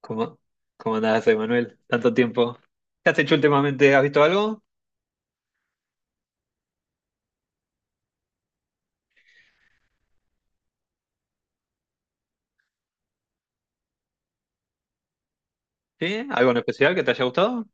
¿Cómo, cómo andás, Emanuel? Tanto tiempo. ¿Qué has hecho últimamente? ¿Has visto algo? ¿Sí? ¿Algo en especial que te haya gustado?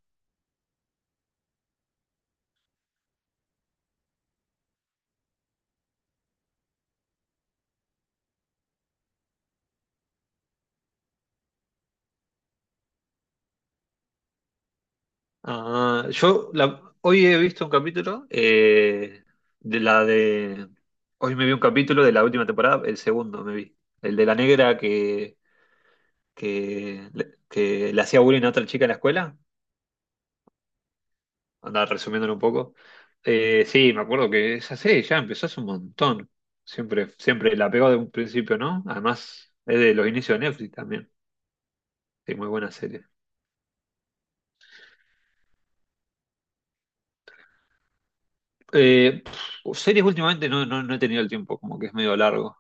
Ah, hoy he visto un capítulo de la de... Hoy me vi un capítulo de la última temporada, el segundo me vi. El de la negra que, que le hacía bullying a otra chica en la escuela. Andaba resumiéndolo un poco. Sí, me acuerdo que esa serie ya empezó hace un montón. Siempre la pegó de un principio, ¿no? Además, es de los inicios de Netflix también. Sí, muy buena serie. Series últimamente no he tenido el tiempo, como que es medio largo.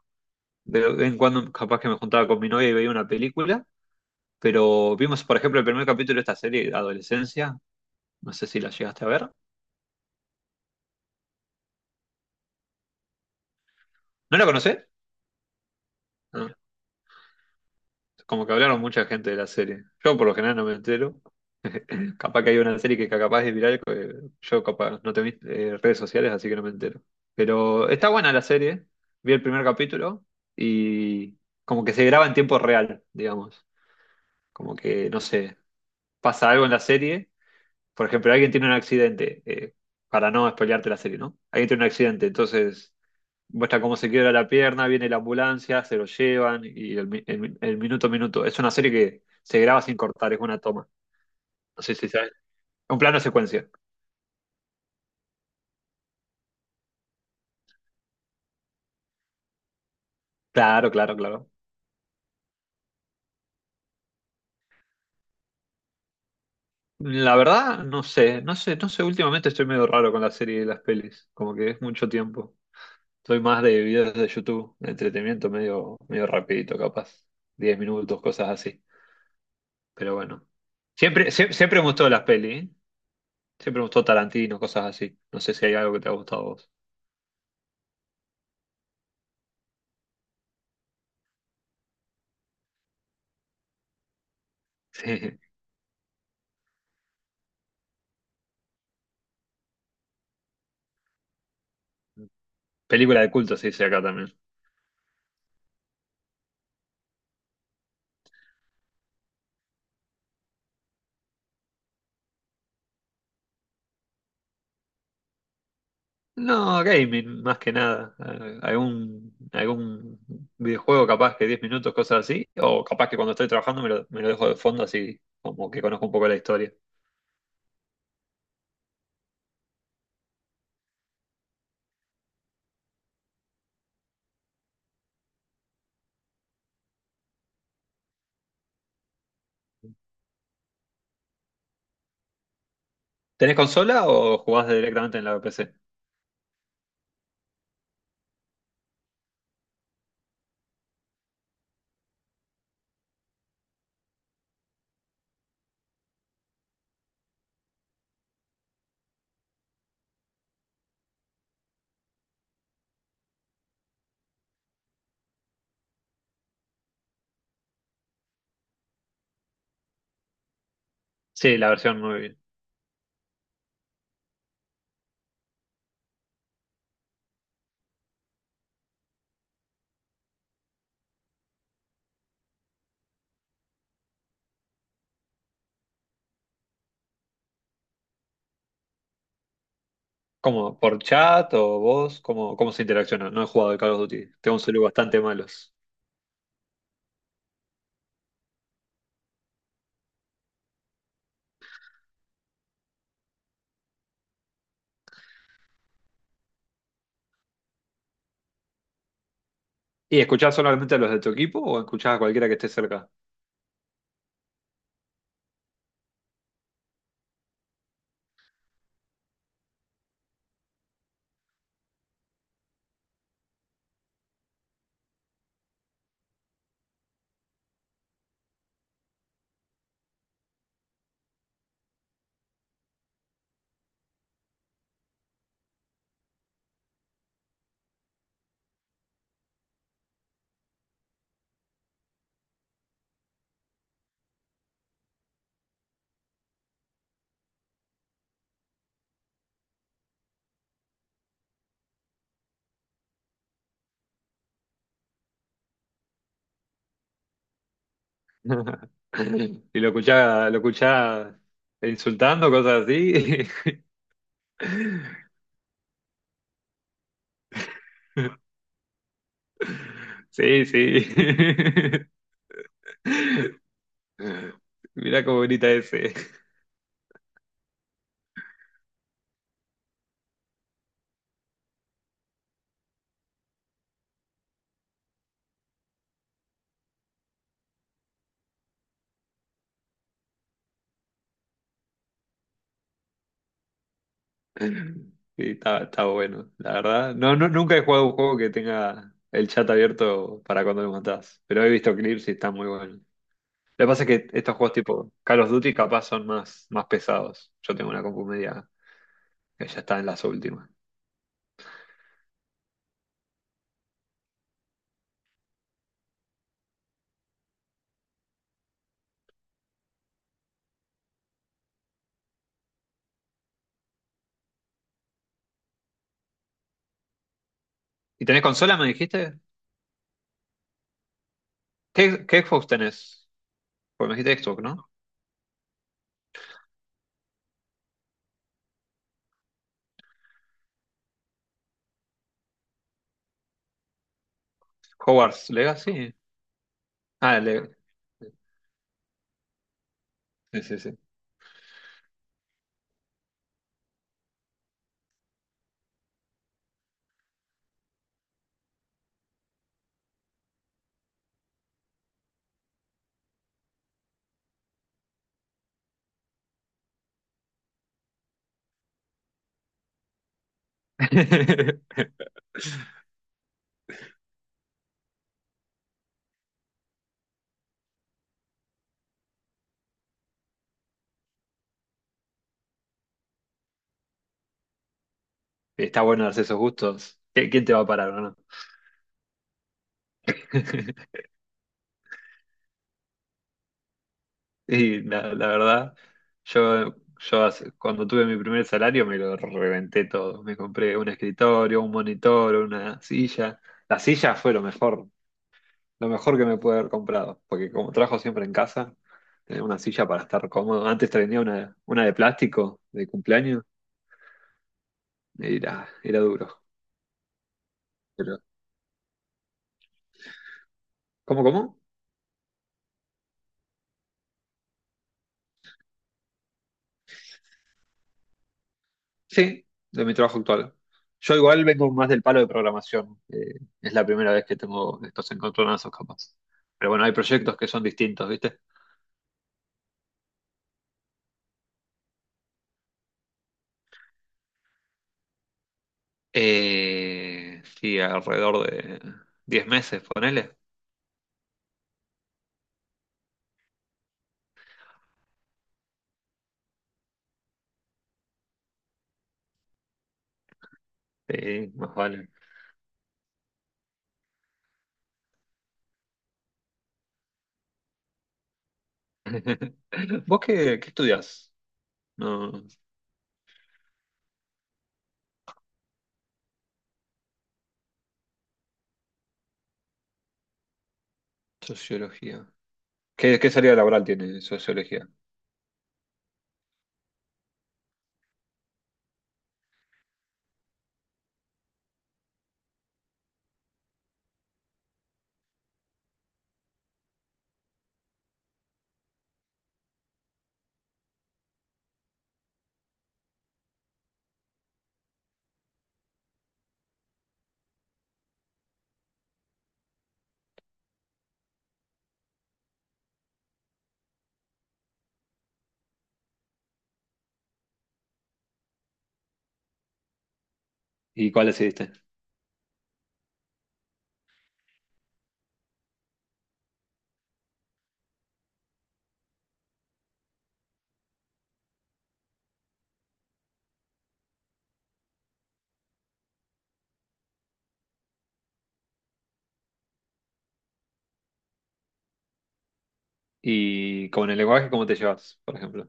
De vez en cuando capaz que me juntaba con mi novia y veía una película, pero vimos, por ejemplo, el primer capítulo de esta serie, Adolescencia. No sé si la llegaste a ver. ¿No la conocés? No. Como que hablaron mucha gente de la serie. Yo por lo general no me entero. Capaz que hay una serie que capaz es viral, que yo capaz no tengo redes sociales, así que no me entero. Pero está buena la serie. Vi el primer capítulo y como que se graba en tiempo real, digamos. Como que, no sé, pasa algo en la serie. Por ejemplo, alguien tiene un accidente, para no spoilearte la serie, ¿no? Alguien tiene un accidente, entonces muestra cómo se quiebra la pierna, viene la ambulancia, se lo llevan y el minuto a minuto. Es una serie que se graba sin cortar, es una toma. No sé si sabes. Un plano secuencia. Claro. La verdad, no sé, últimamente estoy medio raro con la serie y las pelis, como que es mucho tiempo. Soy más de videos de YouTube, de entretenimiento medio rapidito, capaz. 10 minutos, cosas así. Pero bueno. Me gustó las pelis, ¿eh? Siempre me gustó Tarantino, cosas así. No sé si hay algo que te ha gustado a vos. Sí. Película de culto se dice acá también. No, gaming, más que nada. Algún videojuego capaz que 10 minutos, cosas así. O capaz que cuando estoy trabajando me lo dejo de fondo así como que conozco un poco la historia. ¿Tenés consola o jugás directamente en la PC? Sí, la versión nueva. ¿Cómo? ¿Por chat o vos? ¿Cómo se interacciona? No he jugado de Call of Duty. Tengo un celular bastante malos. ¿Y escuchás solamente a los de tu equipo o escuchás a cualquiera que esté cerca? Y lo escuchás insultando, cosas así. Sí, sí. Mirá cómo grita ese. Sí, está bueno, la verdad. No, nunca he jugado un juego que tenga el chat abierto para cuando lo matás, pero he visto clips y está muy bueno. Lo que pasa es que estos juegos tipo Call of Duty capaz son más pesados. Yo tengo una compu media que ya está en las últimas. ¿Y tenés consola, me dijiste? ¿Qué Xbox tenés? Porque me dijiste Xbox, ¿no? Hogwarts Legacy. Ah, el Leg- Sí, sí, sí. Está bueno darse esos gustos. Quién te va a parar o no? Y la verdad, cuando tuve mi primer salario me lo reventé todo. Me compré un escritorio, un monitor, una silla. La silla fue lo mejor. Lo mejor que me pude haber comprado, porque como trabajo siempre en casa, tenía una silla para estar cómodo. Antes tenía una de plástico de cumpleaños, y era duro. Pero, ¿cómo? Sí, de mi trabajo actual. Yo igual vengo más del palo de programación. Es la primera vez que tengo estos encontronazos capaz. Pero bueno, hay proyectos que son distintos, ¿viste? Sí, alrededor de 10 meses, ponele. Sí, más vale. ¿Vos qué estudias? No. Sociología. ¿Qué salida laboral tiene sociología? ¿Y cuál decidiste? ¿Y con el lenguaje cómo te llevas, por ejemplo?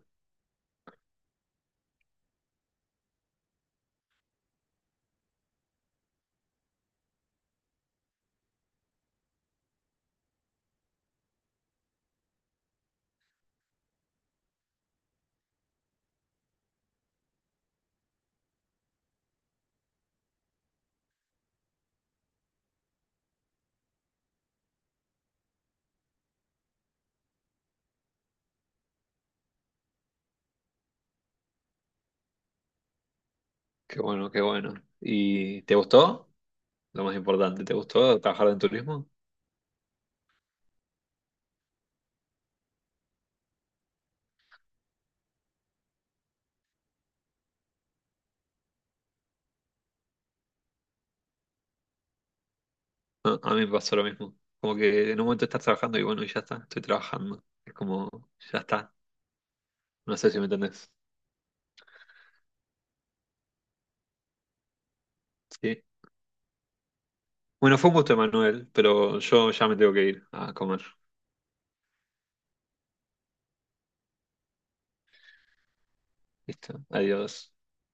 Qué bueno, qué bueno. ¿Y te gustó? Lo más importante, ¿te gustó trabajar en turismo? A mí me pasó lo mismo. Como que en un momento estás trabajando y bueno, y ya está, estoy trabajando. Es como, ya está. No sé si me entendés. Sí. Bueno, fue un gusto, Manuel, pero yo ya me tengo que ir a comer. Listo. Adiós.